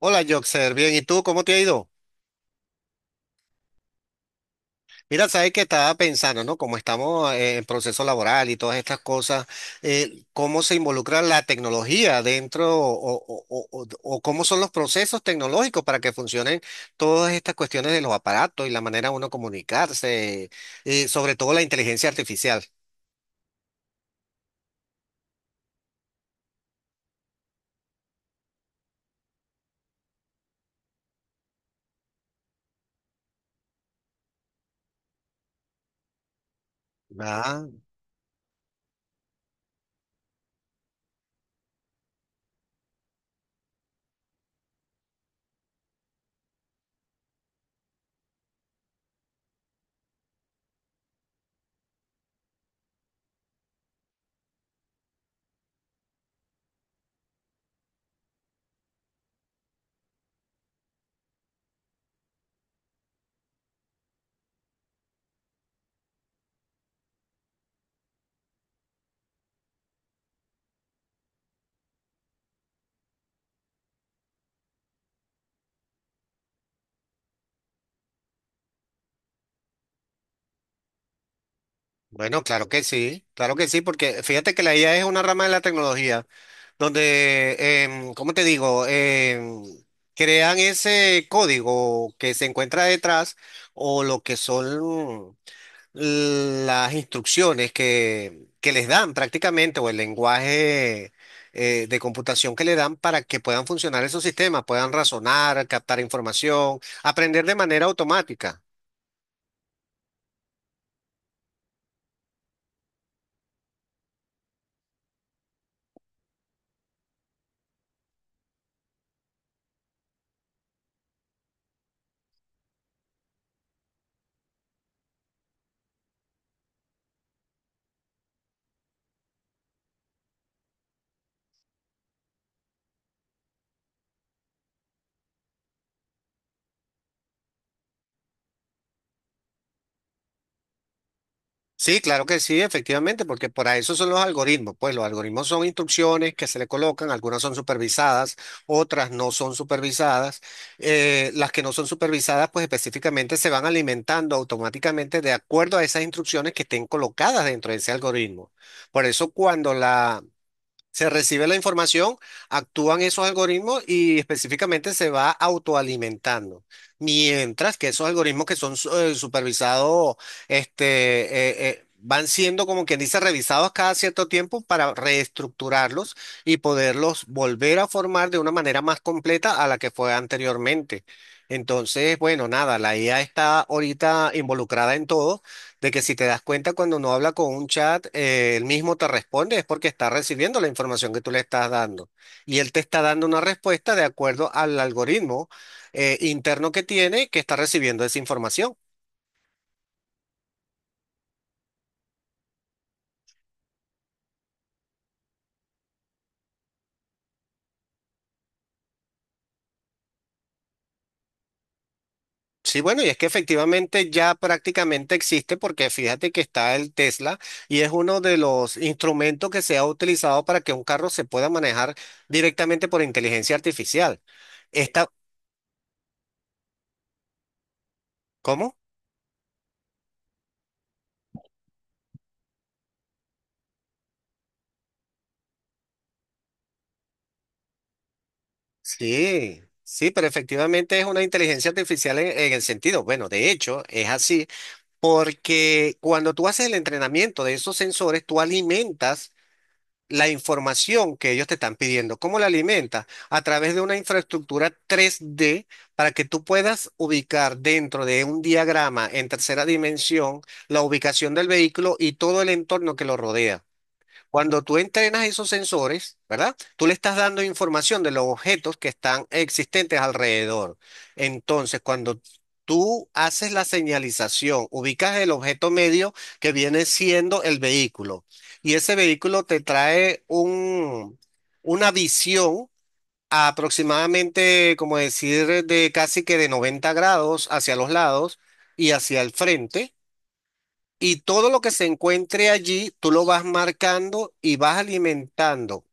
Hola, Joxer, bien, ¿y tú cómo te ha ido? Mira, sabes que estaba pensando, ¿no? Como estamos en proceso laboral y todas estas cosas, ¿cómo se involucra la tecnología dentro o cómo son los procesos tecnológicos para que funcionen todas estas cuestiones de los aparatos y la manera de uno comunicarse, y sobre todo la inteligencia artificial? Ah, bueno, claro que sí, porque fíjate que la IA es una rama de la tecnología. Donde, ¿cómo te digo? Crean ese código que se encuentra detrás o lo que son las instrucciones que les dan prácticamente o el lenguaje de computación que le dan para que puedan funcionar esos sistemas, puedan razonar, captar información, aprender de manera automática. Sí, claro que sí, efectivamente, porque para eso son los algoritmos. Pues los algoritmos son instrucciones que se le colocan, algunas son supervisadas, otras no son supervisadas. Las que no son supervisadas, pues específicamente se van alimentando automáticamente de acuerdo a esas instrucciones que estén colocadas dentro de ese algoritmo. Por eso se recibe la información, actúan esos algoritmos y específicamente se va autoalimentando. Mientras que esos algoritmos que son supervisados, este, van siendo, como quien dice, revisados cada cierto tiempo para reestructurarlos y poderlos volver a formar de una manera más completa a la que fue anteriormente. Entonces, bueno, nada, la IA está ahorita involucrada en todo, de que si te das cuenta cuando uno habla con un chat, él mismo te responde, es porque está recibiendo la información que tú le estás dando. Y él te está dando una respuesta de acuerdo al algoritmo interno que tiene, que está recibiendo esa información. Sí, bueno, y es que efectivamente ya prácticamente existe, porque fíjate que está el Tesla y es uno de los instrumentos que se ha utilizado para que un carro se pueda manejar directamente por inteligencia artificial. Esta, ¿cómo? Sí, sí, pero efectivamente es una inteligencia artificial en el sentido, bueno, de hecho es así, porque cuando tú haces el entrenamiento de esos sensores, tú alimentas la información que ellos te están pidiendo. ¿Cómo la alimentas? A través de una infraestructura tres d, para que tú puedas ubicar dentro de un diagrama en tercera dimensión la ubicación del vehículo y todo el entorno que lo rodea. Cuando tú entrenas esos sensores, ¿verdad? Tú le estás dando información de los objetos que están existentes alrededor. Entonces, cuando tú haces la señalización, ubicas el objeto medio, que viene siendo el vehículo, y ese vehículo te trae una visión, aproximadamente, como decir, de casi que de 90 grados hacia los lados y hacia el frente. Y todo lo que se encuentre allí, tú lo vas marcando y vas alimentando.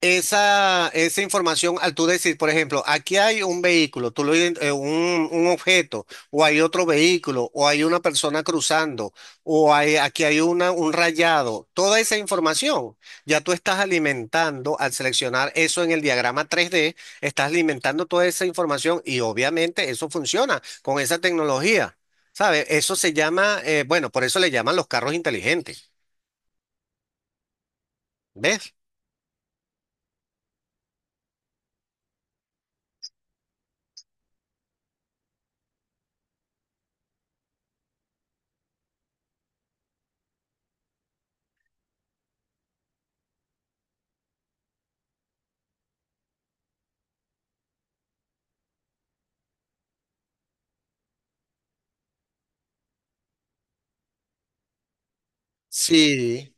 Esa información, al tú decir, por ejemplo, aquí hay un vehículo, tú lo, ident- un objeto, o hay otro vehículo, o hay una persona cruzando, aquí hay un rayado, toda esa información ya tú estás alimentando, al seleccionar eso en el diagrama tres d, estás alimentando toda esa información y obviamente eso funciona con esa tecnología, ¿sabes? Eso se llama, bueno, por eso le llaman los carros inteligentes, ¿ves? Sí.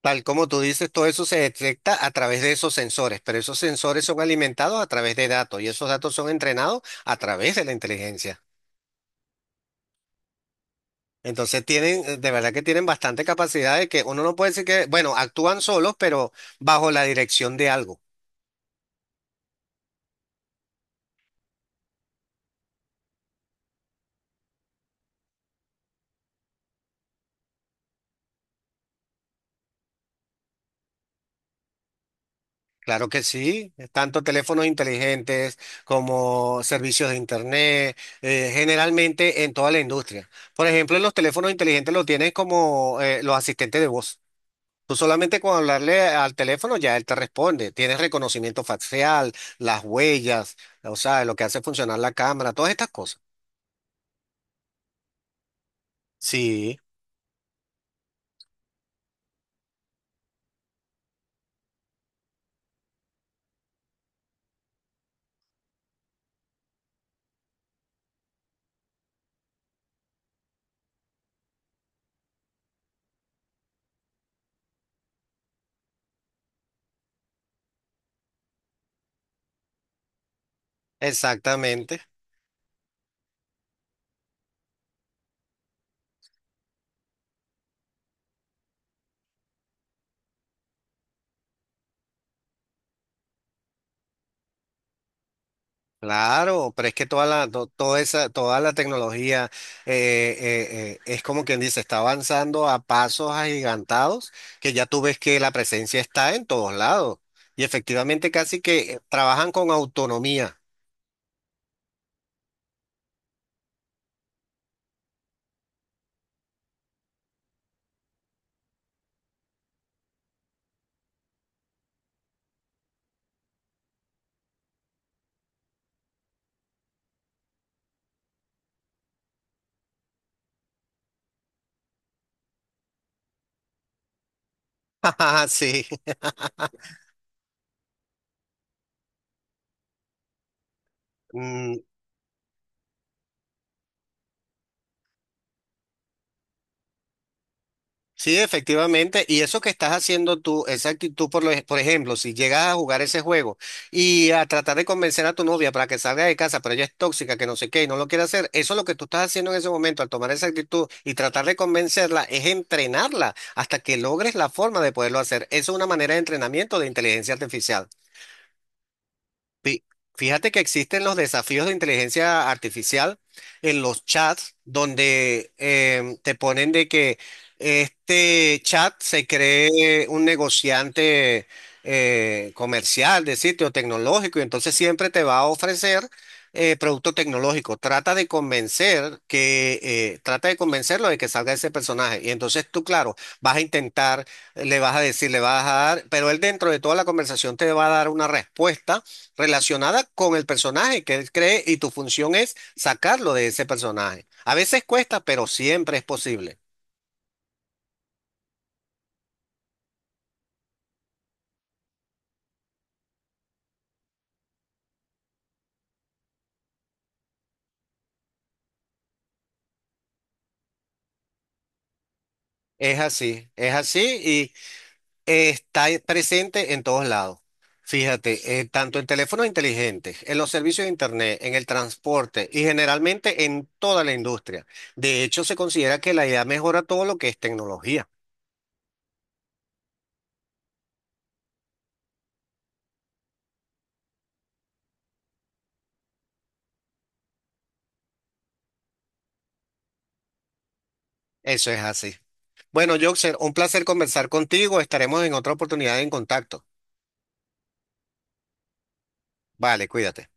Tal como tú dices, todo eso se detecta a través de esos sensores, pero esos sensores son alimentados a través de datos y esos datos son entrenados a través de la inteligencia. Entonces tienen, de verdad que tienen bastante capacidad, de que uno no puede decir que, bueno, actúan solos, pero bajo la dirección de algo. Claro que sí, tanto teléfonos inteligentes como servicios de internet, generalmente en toda la industria. Por ejemplo, en los teléfonos inteligentes lo tienen como los asistentes de voz. Tú solamente con hablarle al teléfono ya él te responde. Tienes reconocimiento facial, las huellas, o sea, lo que hace funcionar la cámara, todas estas cosas. Sí, exactamente. Claro, pero es que toda esa, toda la tecnología es, como quien dice, está avanzando a pasos agigantados, que ya tú ves que la presencia está en todos lados. Y efectivamente casi que trabajan con autonomía. Sí. Sí, efectivamente. Y eso que estás haciendo tú, esa actitud, por ejemplo, si llegas a jugar ese juego y a tratar de convencer a tu novia para que salga de casa, pero ella es tóxica, que no sé qué, y no lo quiere hacer, eso es lo que tú estás haciendo en ese momento, al tomar esa actitud y tratar de convencerla, es entrenarla hasta que logres la forma de poderlo hacer. Eso es una manera de entrenamiento de inteligencia artificial. Fí- Fíjate que existen los desafíos de inteligencia artificial en los chats, donde te ponen de que este chat se cree un negociante comercial de sitio tecnológico y entonces siempre te va a ofrecer producto tecnológico. Trata de convencerlo de que salga ese personaje y entonces tú, claro, vas a intentar, le vas a decir, le vas a dar, pero él, dentro de toda la conversación, te va a dar una respuesta relacionada con el personaje que él cree, y tu función es sacarlo de ese personaje. A veces cuesta, pero siempre es posible. Es así, es así, y está presente en todos lados. Fíjate, tanto en teléfonos inteligentes, en los servicios de Internet, en el transporte y generalmente en toda la industria. De hecho, se considera que la IA mejora todo lo que es tecnología. Eso es así. Bueno, Joxer, un placer conversar contigo. Estaremos en otra oportunidad en contacto. Vale, cuídate.